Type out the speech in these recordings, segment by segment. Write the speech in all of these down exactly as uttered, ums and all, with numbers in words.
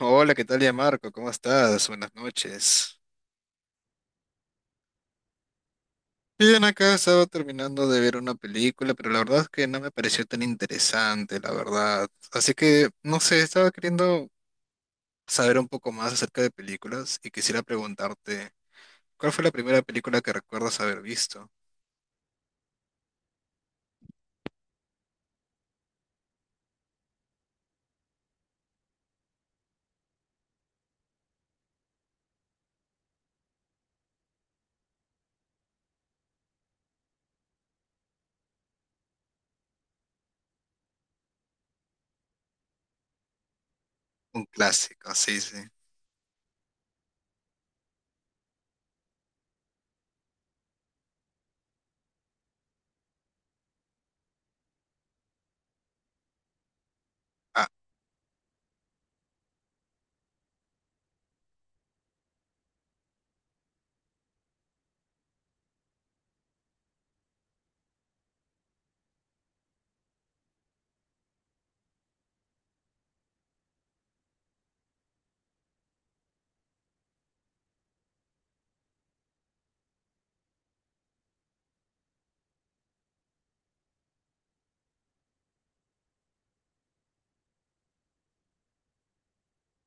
Hola, ¿qué tal ya Marco? ¿Cómo estás? Buenas noches. Bien, acá estaba terminando de ver una película, pero la verdad es que no me pareció tan interesante, la verdad. Así que, no sé, estaba queriendo saber un poco más acerca de películas y quisiera preguntarte, ¿cuál fue la primera película que recuerdas haber visto? Un clásico, sí, sí. Ah,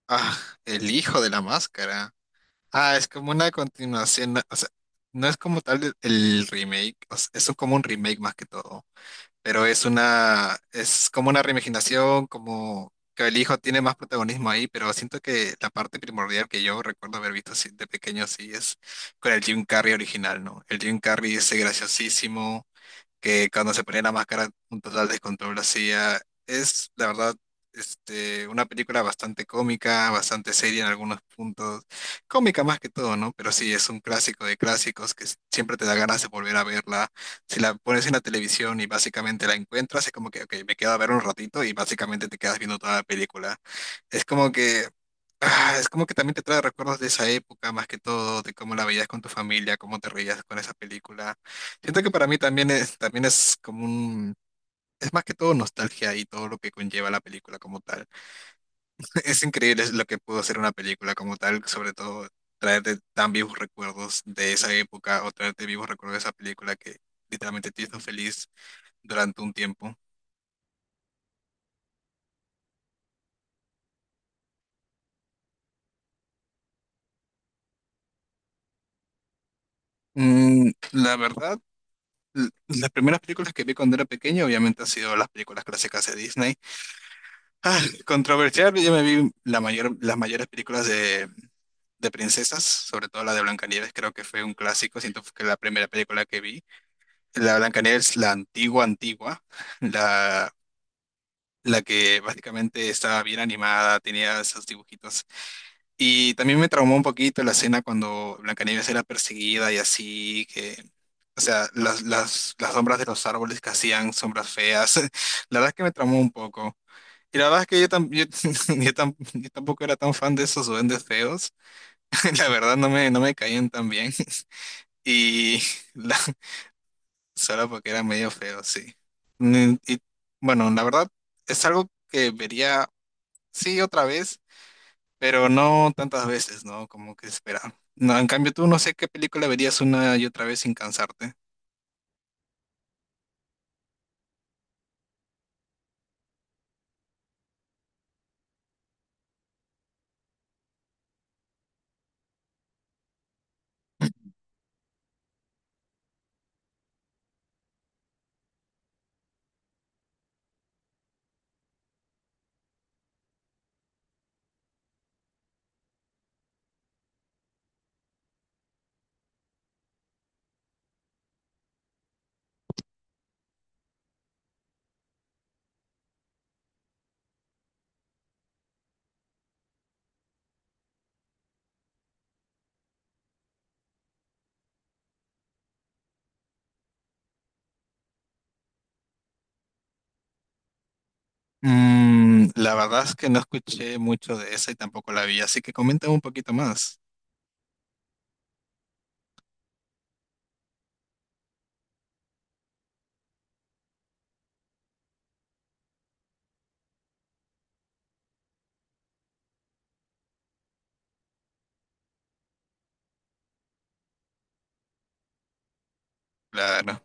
ah, El hijo de la máscara. Ah, es como una continuación, o sea, no es como tal el el remake, o sea, es como un remake más que todo. Pero es una, es como una reimaginación, como que el hijo tiene más protagonismo ahí, pero siento que la parte primordial que yo recuerdo haber visto así de pequeño, sí, es con el Jim Carrey original, ¿no? El Jim Carrey ese graciosísimo que cuando se ponía la máscara un total descontrol hacía. Es, la verdad, este, una película bastante cómica, bastante seria en algunos puntos. Cómica más que todo, ¿no? Pero sí, es un clásico de clásicos que s- siempre te da ganas de volver a verla. Si la pones en la televisión y básicamente la encuentras, es como que, ok, me quedo a ver un ratito y básicamente te quedas viendo toda la película. Es como que... Ah, es como que también te trae recuerdos de esa época, más que todo, de cómo la veías con tu familia, cómo te reías con esa película. Siento que para mí también es, también es como un, es más que todo nostalgia y todo lo que conlleva la película como tal. Es increíble lo que pudo hacer una película como tal, sobre todo traerte tan vivos recuerdos de esa época o traerte vivos recuerdos de esa película que literalmente te hizo feliz durante un tiempo. Mm, la verdad, l- las primeras películas que vi cuando era pequeño obviamente han sido las películas clásicas de Disney. Ah, controversial, yo me vi la mayor, las mayores películas de, de princesas, sobre todo la de Blancanieves, creo que fue un clásico, siento que la primera película que vi. La Blancanieves, la antigua, antigua, la, la que básicamente estaba bien animada, tenía esos dibujitos. Y también me traumó un poquito la escena cuando Blancanieves era perseguida y así, que, o sea, las, las, las sombras de los árboles que hacían sombras feas, la verdad es que me traumó un poco. Y la verdad es que yo, tam- yo, yo tam- yo tampoco era tan fan de esos duendes feos. La verdad no me, no me caían tan bien. Y la, solo porque era medio feo, sí. Mm, Y bueno, la verdad es algo que vería, sí, otra vez, pero no tantas veces, ¿no? Como que espera. No, en cambio tú no sé qué película verías una y otra vez sin cansarte. Mm, la verdad es que no escuché mucho de esa y tampoco la vi, así que coméntame un poquito más. Claro,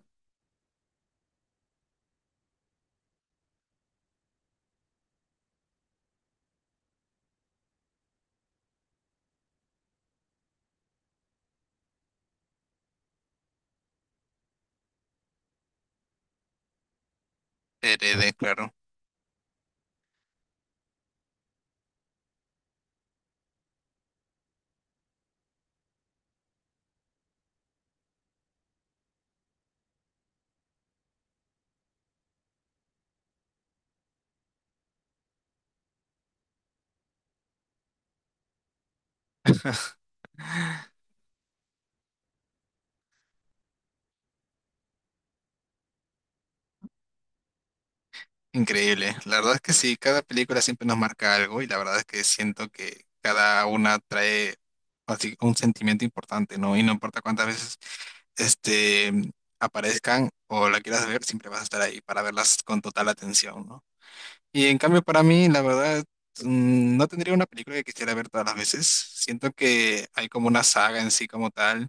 heredé, claro. Increíble. La verdad es que sí, cada película siempre nos marca algo y la verdad es que siento que cada una trae así un sentimiento importante, ¿no? Y no importa cuántas veces este aparezcan o la quieras ver, siempre vas a estar ahí para verlas con total atención, ¿no? Y en cambio para mí, la verdad, mm, no tendría una película que quisiera ver todas las veces. Siento que hay como una saga en sí como tal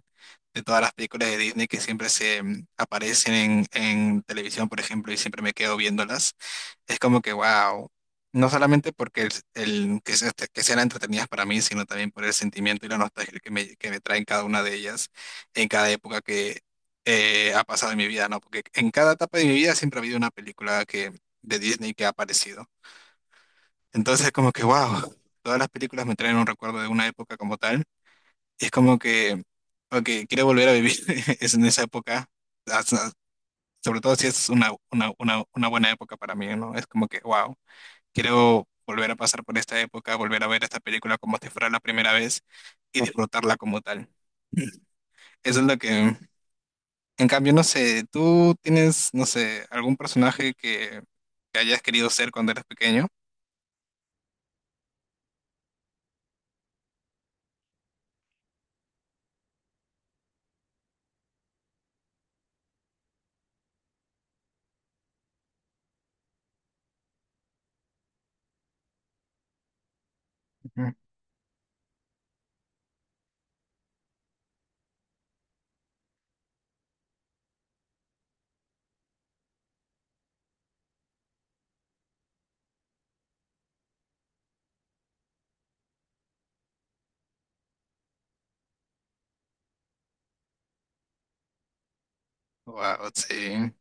de todas las películas de Disney que siempre se mm, aparecen en, en televisión, por ejemplo, y siempre me quedo viéndolas es como que, wow, no solamente porque el, el- que, se- que sean entretenidas para mí, sino también por el sentimiento y la nostalgia que me, que me traen cada una de ellas en cada época que eh, ha pasado en mi vida, ¿no? Porque en cada etapa de mi vida siempre ha habido una película que, de Disney que ha aparecido. Entonces, como que, wow, todas las películas me traen un recuerdo de una época como tal. Y es como que, ok, quiero volver a vivir es en esa época, hasta- sobre todo si es una, una, una, una buena época para mí, ¿no? Es como que, wow. Quiero volver a pasar por esta época, volver a ver esta película como si fuera la primera vez y disfrutarla como tal. Eso es lo que, en cambio, no sé, tú tienes, no sé, algún personaje que, que hayas querido ser cuando eras pequeño. Ujú. Wow, sí.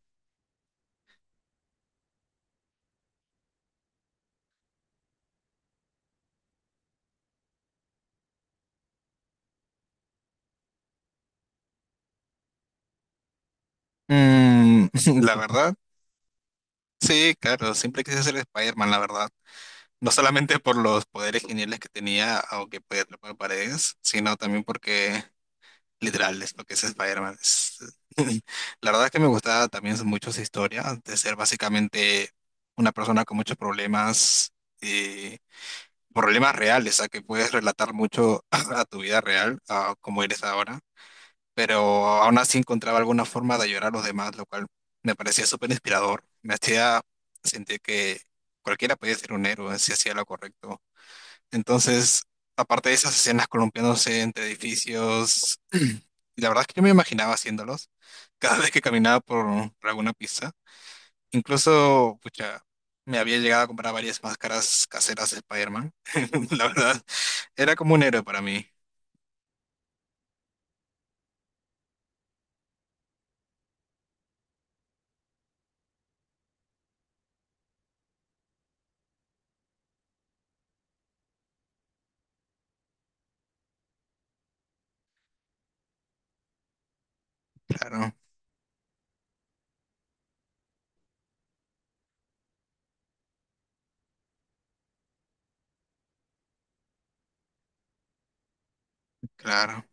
Mm, la verdad, sí, claro, siempre quise ser Spider-Man, la verdad. No solamente por los poderes geniales que tenía, aunque podía atrapar paredes, sino también porque Literal, es lo que es Spider-Man. Es- La verdad es que me gustaba también mucho su historia, de ser básicamente una persona con muchos problemas, eh, problemas reales, a que puedes relatar mucho a tu vida real, a cómo eres ahora, pero aún así encontraba alguna forma de ayudar a los demás, lo cual me parecía súper inspirador. Me hacía sentir que cualquiera podía ser un héroe si hacía lo correcto. Entonces, aparte de esas escenas columpiándose entre edificios, la verdad es que yo me imaginaba haciéndolos cada vez que caminaba por, por alguna pista. Incluso, pucha, me había llegado a comprar varias máscaras caseras de Spider-Man. La verdad, era como un héroe para mí. Claro, claro.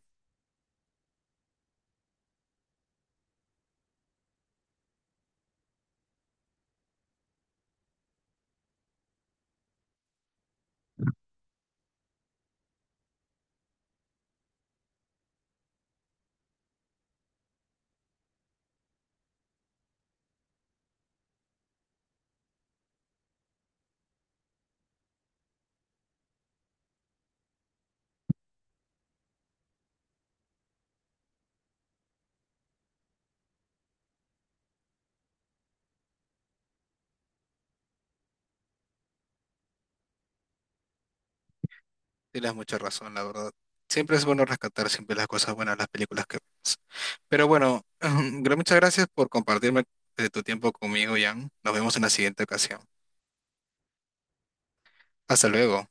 Tienes mucha razón, la verdad. Siempre es bueno rescatar siempre las cosas buenas, las películas que vemos. Pero bueno, gra- muchas gracias por compartirme de tu tiempo conmigo, Jan. Nos vemos en la siguiente ocasión. Hasta luego.